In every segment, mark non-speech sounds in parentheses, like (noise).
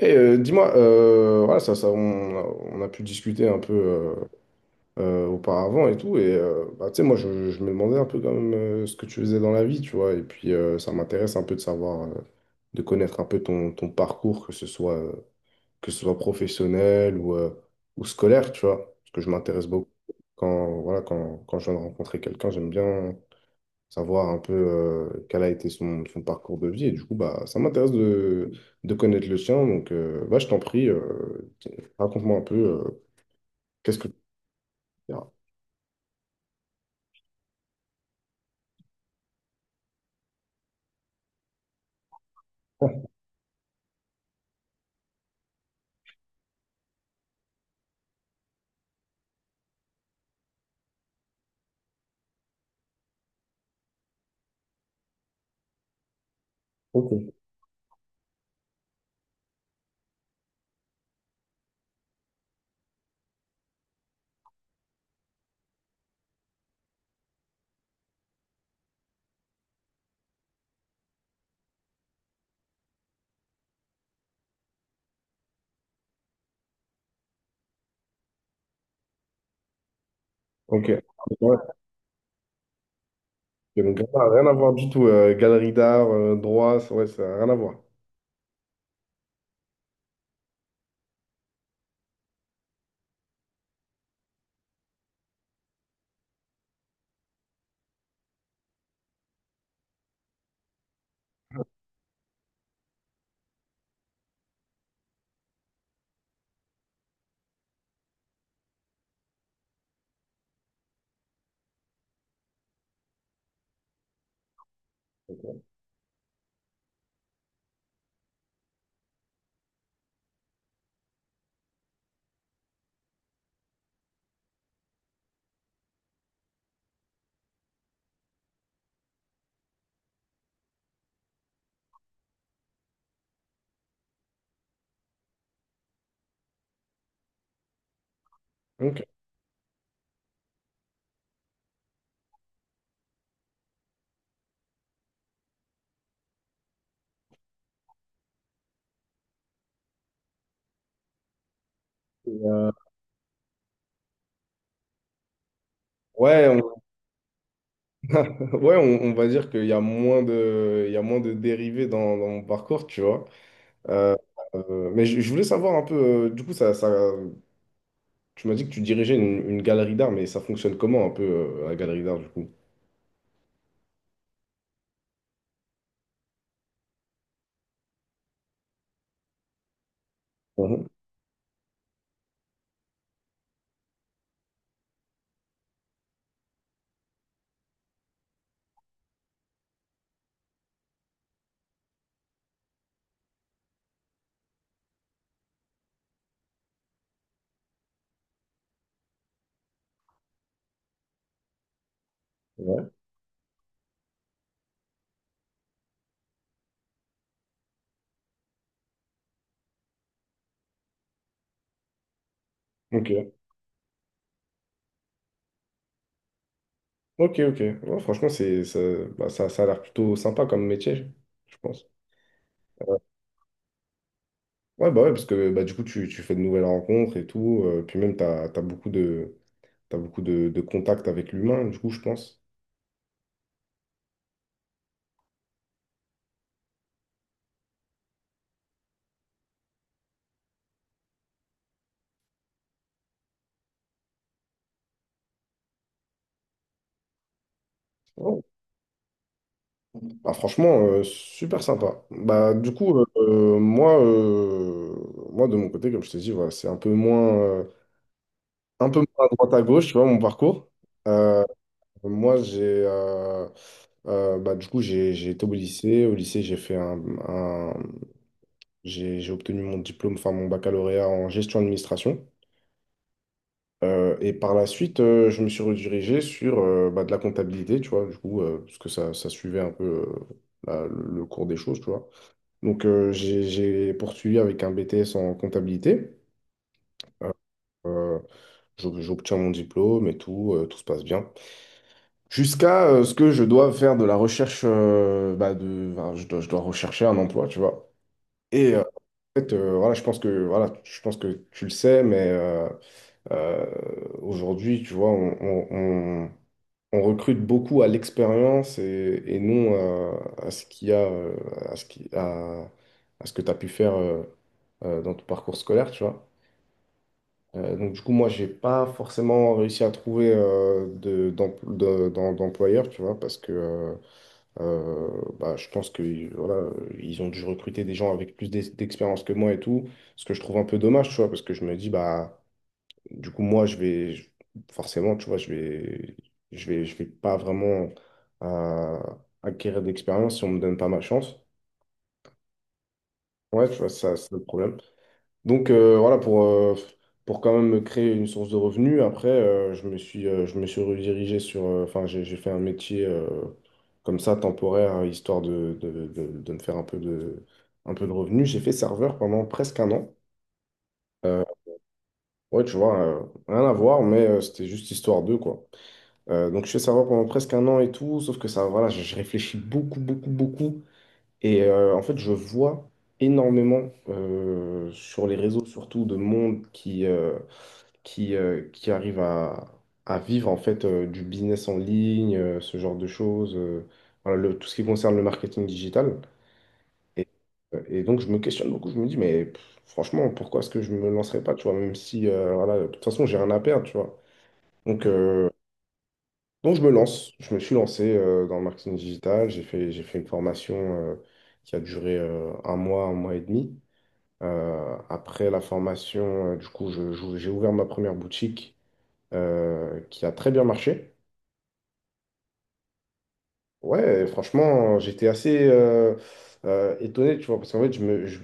Et dis-moi, voilà, on a pu discuter un peu auparavant et tout. Et bah, tu sais, moi, je me demandais un peu quand même ce que tu faisais dans la vie, tu vois. Et puis, ça m'intéresse un peu de savoir, de connaître un peu ton parcours, que ce soit professionnel ou, scolaire, tu vois. Parce que je m'intéresse beaucoup. Voilà, quand je viens de rencontrer quelqu'un, j'aime bien savoir un peu quel a été son parcours de vie. Et du coup, bah, ça m'intéresse de connaître le chien. Donc, bah, je t'en prie, raconte-moi un peu qu'est-ce que tu fais. Ah, (laughs) Ok. Ok. Ouais, et donc, rien à voir du tout. Galerie d'art, droit, ouais, ça n'a rien à voir. Ok. Et, ouais, (laughs) ouais, on va dire qu'il y a moins de dérivés dans mon parcours, tu vois. Mais je voulais savoir un peu, du coup, tu m'as dit que tu dirigeais une galerie d'art, mais ça fonctionne comment un peu la galerie d'art du coup? Mhm. Ouais. Ok, ok, ok. Ouais, franchement, bah, ça a l'air plutôt sympa comme métier, je pense. Ouais, bah ouais, parce que bah, du coup, tu fais de nouvelles rencontres et tout, puis même, t'as beaucoup de contacts avec l'humain, du coup, je pense. Ouais. Bah, franchement, super sympa. Bah, du coup, moi, de mon côté, comme je t'ai dit, voilà, c'est un peu moins à droite à gauche, tu vois, mon parcours. Euh, Moi, j'ai bah, du coup j'ai été au lycée. Au lycée, j'ai fait un- j'ai obtenu mon diplôme, enfin mon baccalauréat en gestion administration. Et par la suite, je me suis redirigé sur bah, de la comptabilité, tu vois, du coup, parce que ça suivait un peu le cours des choses, tu vois. Donc j'ai poursuivi avec un BTS en comptabilité. Euh, j'obtiens mon diplôme et tout, tout se passe bien. Jusqu'à ce que je dois faire de la recherche, bah, enfin, je dois rechercher un emploi, tu vois. Et en fait, voilà, voilà, je pense que tu le sais, mais euh, aujourd'hui, tu vois, on- on recrute beaucoup à l'expérience et non à ce qu'il y a, à ce qui, à ce que tu as pu faire dans ton parcours scolaire, tu vois. Donc, du coup, moi, j'ai pas forcément réussi à trouver d'employeur, tu vois, parce que... bah, je pense que voilà, ils ont dû recruter des gens avec plus d'expérience que moi et tout, ce que je trouve un peu dommage, tu vois, parce que je me dis, bah, du coup, moi, forcément, tu vois, je vais pas vraiment euh, acquérir d'expérience si on me donne pas ma chance. Ouais, tu vois, ça, c'est le problème. Donc voilà, pour quand même me créer une source de revenus, après, je me suis redirigé sur... enfin, j'ai fait un métier comme ça, temporaire, hein, histoire de me faire un peu de revenus. J'ai fait serveur pendant presque un an. Euh, ouais, tu vois, rien à voir, mais c'était juste histoire d'eux, quoi. Donc, je fais serveur pendant presque un an et tout, sauf que ça, voilà, je réfléchis beaucoup, beaucoup, beaucoup. Et en fait, je vois énormément sur les réseaux, surtout, de monde qui... qui arrivent à vivre en fait du business en ligne, ce genre de choses, voilà, tout ce qui concerne le marketing digital. Et, et donc je me questionne beaucoup, je me dis, mais pff, franchement, pourquoi est-ce que je me lancerais pas, tu vois, même si, voilà, de toute façon, j'ai rien à perdre, tu vois. Donc, euh, donc, je me suis lancé dans le marketing digital, j'ai fait une formation qui a duré un mois et demi. Après la formation, du coup, j'ai ouvert ma première boutique qui a très bien marché. Ouais, franchement, j'étais assez étonné, tu vois, parce qu'en fait,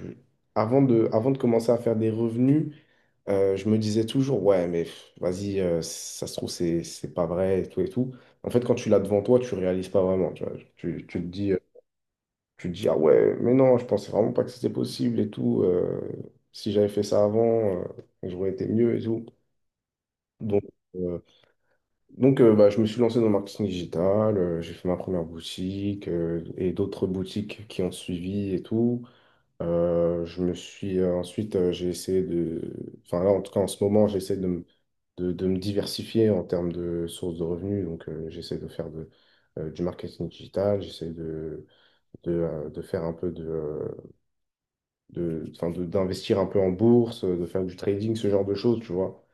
avant de commencer à faire des revenus, je me disais toujours, ouais, mais pff, vas-y, ça se trouve, c'est pas vrai, et tout et tout. En fait, quand tu l'as devant toi, tu réalises pas vraiment, tu vois. Tu te dis, ah ouais, mais non, je pensais vraiment pas que c'était possible et tout. Si j'avais fait ça avant, j'aurais été mieux et tout. Donc, euh, Donc, bah, je me suis lancé dans le marketing digital, j'ai fait ma première boutique et d'autres boutiques qui ont suivi et tout. Je me suis ensuite, j'ai essayé de, enfin là, en tout cas, en ce moment, j'essaie de, de me diversifier en termes de sources de revenus. Donc, j'essaie de faire du marketing digital, j'essaie de faire un peu enfin, d'investir un peu en bourse, de faire du trading, ce genre de choses, tu vois.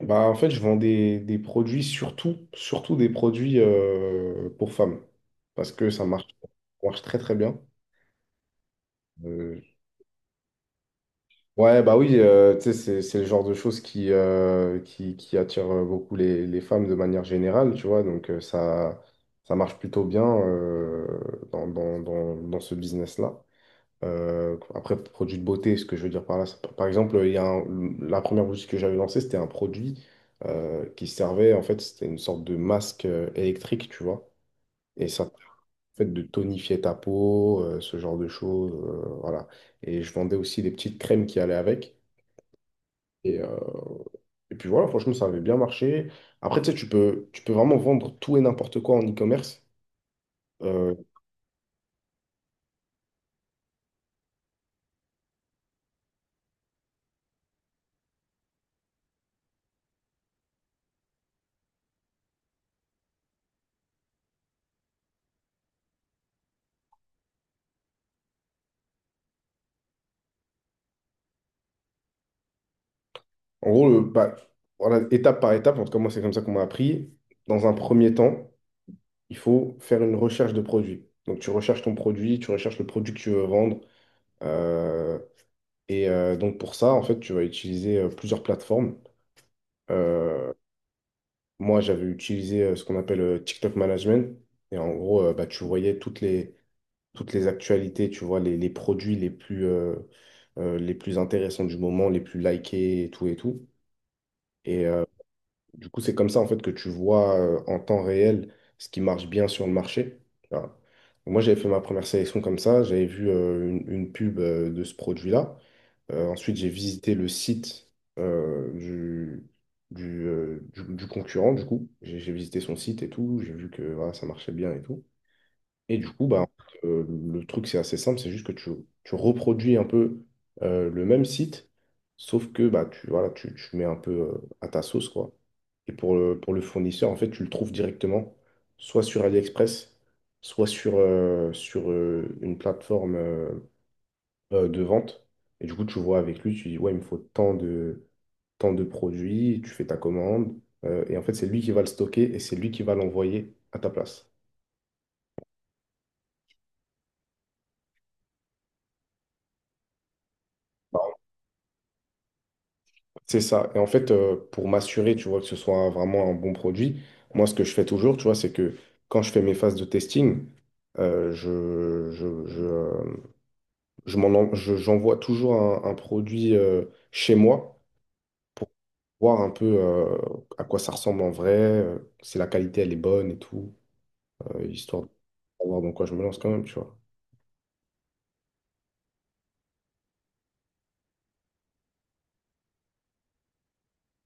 Bah, en fait, je vends des produits, surtout, surtout des produits pour femmes. Parce que ça marche très très bien. Euh, ouais, bah oui, tu sais, c'est le genre de choses qui attire beaucoup les femmes de manière générale, tu vois. Donc ça marche plutôt bien dans ce business-là. Après, produit de beauté, ce que je veux dire par là, c'est par exemple, il y a un- la première boutique que j'avais lancée, c'était un produit qui servait, en fait, c'était une sorte de masque électrique, tu vois. Et ça te permet, en fait de tonifier ta peau, ce genre de choses, voilà. Et je vendais aussi des petites crèmes qui allaient avec. Et, euh, et puis voilà, franchement, ça avait bien marché. Après, tu sais, tu peux vraiment vendre tout et n'importe quoi en e-commerce. Euh, en gros, bah, voilà, étape par étape, en tout cas, moi, c'est comme ça qu'on m'a appris. Dans un premier temps, il faut faire une recherche de produit. Donc, tu recherches ton produit, tu recherches le produit que tu veux vendre. euh, donc, pour ça, en fait, tu vas utiliser plusieurs plateformes. Euh, moi, j'avais utilisé ce qu'on appelle TikTok Management. Et en gros, bah, tu voyais toutes les actualités, tu vois, les produits les plus intéressants du moment, les plus likés et tout et tout. Et, du coup, c'est comme ça en fait que tu vois en temps réel ce qui marche bien sur le marché. Voilà. Moi, j'avais fait ma première sélection comme ça. J'avais vu une pub de ce produit-là. Ensuite, j'ai visité le site euh, du, du concurrent, du coup. J'ai visité son site et tout. J'ai vu que voilà, ça marchait bien et tout. Et du coup, bah, le truc, c'est assez simple, c'est juste que tu reproduis un peu le même site, sauf que bah, voilà, tu mets un peu à ta sauce, quoi. Et pour le fournisseur, en fait, tu le trouves directement, soit sur AliExpress, soit sur une plateforme de vente. Et du coup, tu vois avec lui, tu dis, ouais, il me faut tant de produits, tu fais ta commande. Et en fait, c'est lui qui va le stocker et c'est lui qui va l'envoyer à ta place. C'est ça. Et en fait, pour m'assurer, tu vois, que ce soit vraiment un bon produit, moi, ce que je fais toujours, tu vois, c'est que quand je fais mes phases de testing, euh, je, je, je, euh, je m'en en- je- j'envoie toujours un produit chez moi, voir un peu à quoi ça ressemble en vrai, si la qualité, elle est bonne et tout, histoire de savoir dans quoi je me lance quand même, tu vois.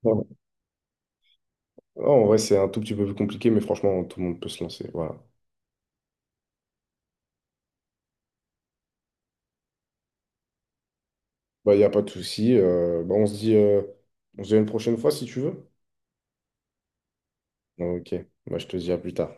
Bon. Non, en vrai, c'est un tout petit peu plus compliqué, mais franchement, tout le monde peut se lancer. Voilà. Bah, il n'y a pas de souci. Bah, on se dit à une prochaine fois si tu veux. Ok, moi je te dis à plus tard.